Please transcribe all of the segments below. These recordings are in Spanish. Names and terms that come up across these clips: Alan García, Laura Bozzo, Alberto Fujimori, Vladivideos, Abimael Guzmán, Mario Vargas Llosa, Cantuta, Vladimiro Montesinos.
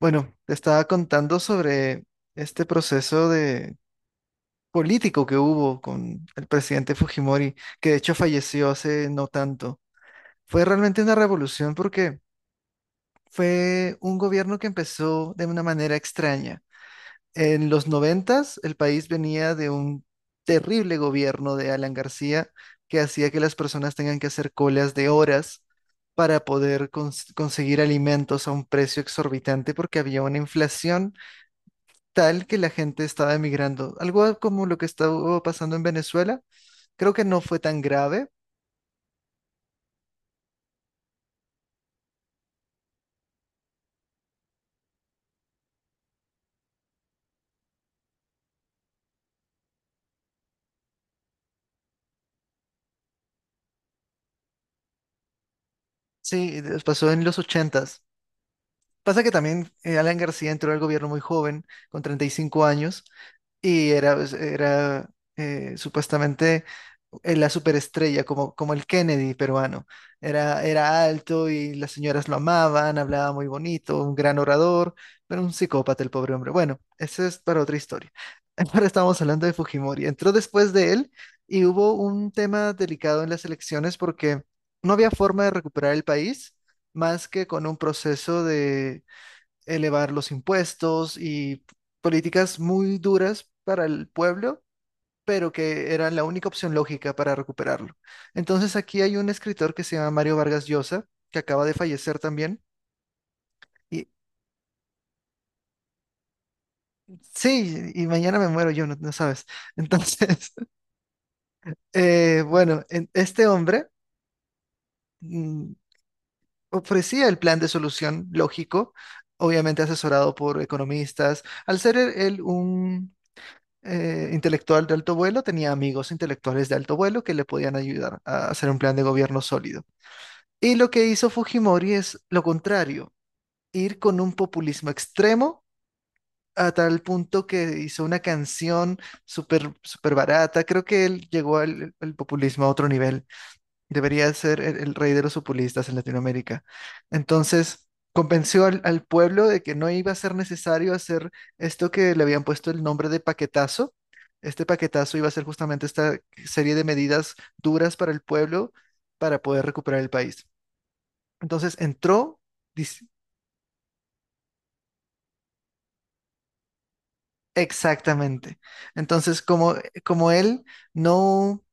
Bueno, te estaba contando sobre este proceso de político que hubo con el presidente Fujimori, que de hecho falleció hace no tanto. Fue realmente una revolución porque fue un gobierno que empezó de una manera extraña. En los noventas, el país venía de un terrible gobierno de Alan García que hacía que las personas tengan que hacer colas de horas para poder conseguir alimentos a un precio exorbitante porque había una inflación tal que la gente estaba emigrando. Algo como lo que estaba pasando en Venezuela. Creo que no fue tan grave. Sí, pasó en los ochentas. Pasa que también Alan García entró al gobierno muy joven, con 35 años, y era, pues, era supuestamente la superestrella, como el Kennedy peruano. Era alto y las señoras lo amaban, hablaba muy bonito, un gran orador, pero un psicópata el pobre hombre. Bueno, eso es para otra historia. Ahora estamos hablando de Fujimori. Entró después de él y hubo un tema delicado en las elecciones porque no había forma de recuperar el país más que con un proceso de elevar los impuestos y políticas muy duras para el pueblo, pero que eran la única opción lógica para recuperarlo. Entonces aquí hay un escritor que se llama Mario Vargas Llosa, que acaba de fallecer también. Y sí, y mañana me muero yo, no, no sabes. Entonces, bueno, este hombre mm, ofrecía el plan de solución lógico, obviamente asesorado por economistas. Al ser él un intelectual de alto vuelo tenía amigos intelectuales de alto vuelo que le podían ayudar a hacer un plan de gobierno sólido. Y lo que hizo Fujimori es lo contrario, ir con un populismo extremo a tal punto que hizo una canción súper súper barata. Creo que él llegó al populismo a otro nivel. Debería ser el rey de los populistas en Latinoamérica. Entonces, convenció al pueblo de que no iba a ser necesario hacer esto que le habían puesto el nombre de paquetazo. Este paquetazo iba a ser justamente esta serie de medidas duras para el pueblo para poder recuperar el país. Entonces, entró, dis- exactamente. Entonces, como él no...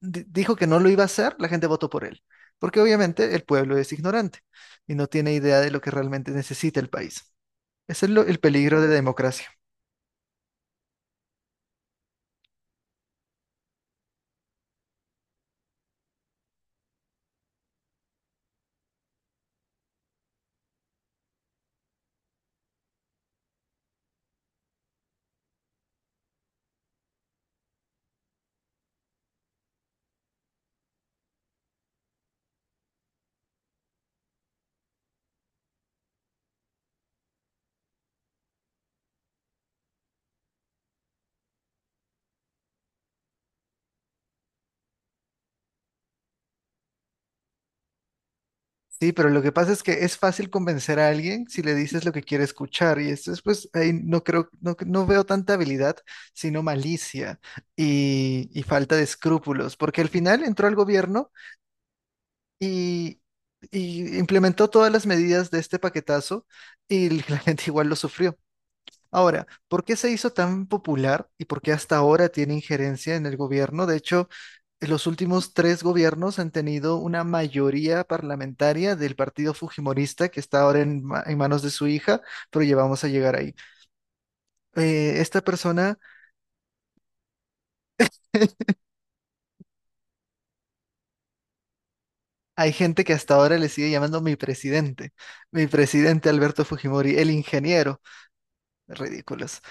dijo que no lo iba a hacer, la gente votó por él, porque obviamente el pueblo es ignorante y no tiene idea de lo que realmente necesita el país. Ese es el peligro de la democracia. Sí, pero lo que pasa es que es fácil convencer a alguien si le dices lo que quiere escuchar y esto es pues ahí no creo, no, no veo tanta habilidad, sino malicia y falta de escrúpulos, porque al final entró al gobierno y, y implementó todas las medidas de este paquetazo y la gente igual lo sufrió. Ahora, ¿por qué se hizo tan popular y por qué hasta ahora tiene injerencia en el gobierno? De hecho, en los últimos tres gobiernos han tenido una mayoría parlamentaria del partido fujimorista que está ahora en, en manos de su hija, pero ya vamos a llegar ahí. Esta persona, hay gente que hasta ahora le sigue llamando mi presidente Alberto Fujimori, el ingeniero. Ridículos.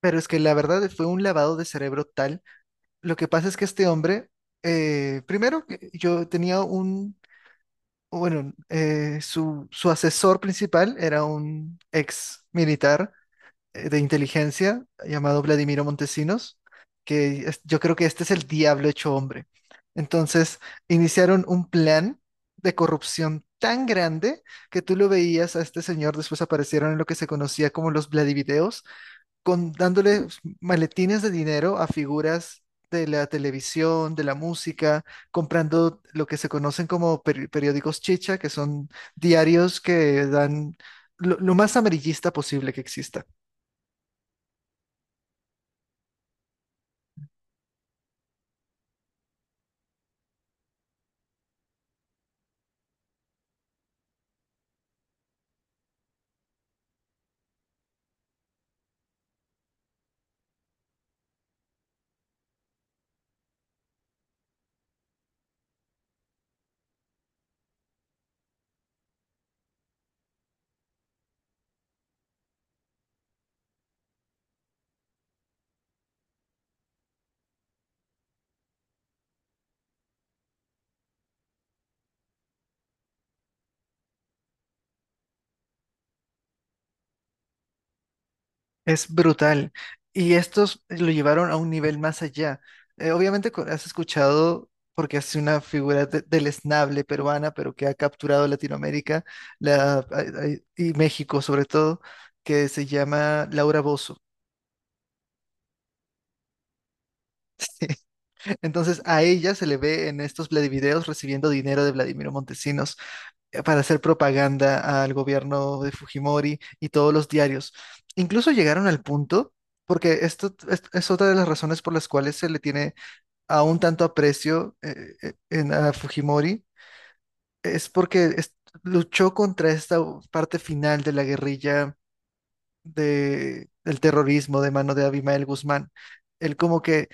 Pero es que la verdad fue un lavado de cerebro tal. Lo que pasa es que este hombre, primero, que yo tenía un, bueno, su, su asesor principal era un ex militar de inteligencia llamado Vladimiro Montesinos, que yo creo que este es el diablo hecho hombre. Entonces, iniciaron un plan de corrupción tan grande que tú lo veías a este señor, después aparecieron en lo que se conocía como los Vladivideos, con, dándole maletines de dinero a figuras de la televisión, de la música, comprando lo que se conocen como periódicos chicha, que son diarios que dan lo más amarillista posible que exista. Es brutal. Y estos lo llevaron a un nivel más allá. Obviamente has escuchado, porque es una figura del esnable peruana, pero que ha capturado Latinoamérica la, y México sobre todo, que se llama Laura Bozzo. Entonces a ella se le ve en estos Vladivideos recibiendo dinero de Vladimiro Montesinos, para hacer propaganda al gobierno de Fujimori y todos los diarios. Incluso llegaron al punto, porque esto es otra de las razones por las cuales se le tiene aún tanto aprecio en, a Fujimori, es porque luchó contra esta parte final de la guerrilla de, del terrorismo de mano de Abimael Guzmán. Él como que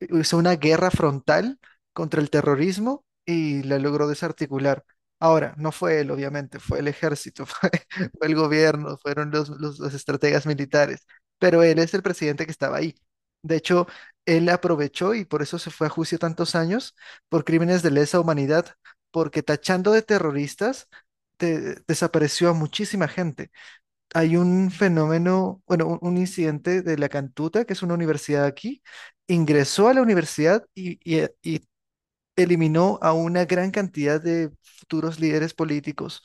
hizo una guerra frontal contra el terrorismo y la logró desarticular. Ahora, no fue él, obviamente, fue el ejército, fue, fue el gobierno, fueron los, los estrategas militares, pero él es el presidente que estaba ahí. De hecho, él aprovechó y por eso se fue a juicio tantos años por crímenes de lesa humanidad, porque tachando de terroristas, desapareció a muchísima gente. Hay un fenómeno, bueno, un incidente de la Cantuta, que es una universidad aquí, ingresó a la universidad y, y eliminó a una gran cantidad de futuros líderes políticos.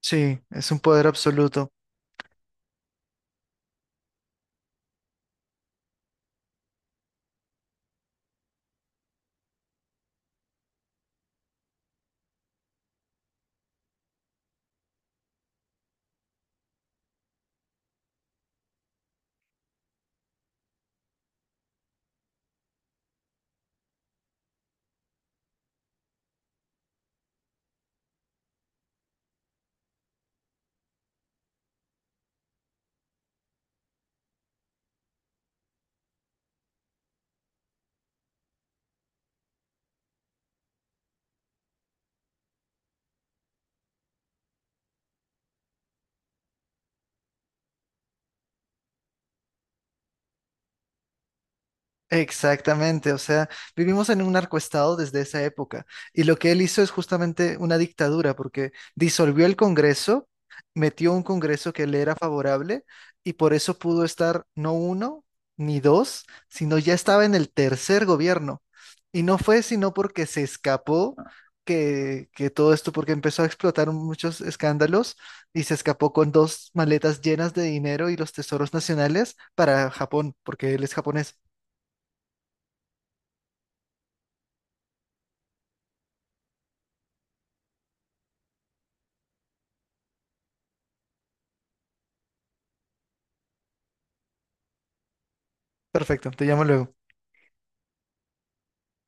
Sí, es un poder absoluto. Exactamente, o sea, vivimos en un narcoestado desde esa época y lo que él hizo es justamente una dictadura porque disolvió el Congreso, metió un Congreso que le era favorable y por eso pudo estar no uno ni dos, sino ya estaba en el tercer gobierno. Y no fue sino porque se escapó que todo esto, porque empezó a explotar muchos escándalos y se escapó con dos maletas llenas de dinero y los tesoros nacionales para Japón, porque él es japonés. Perfecto, te llamo luego.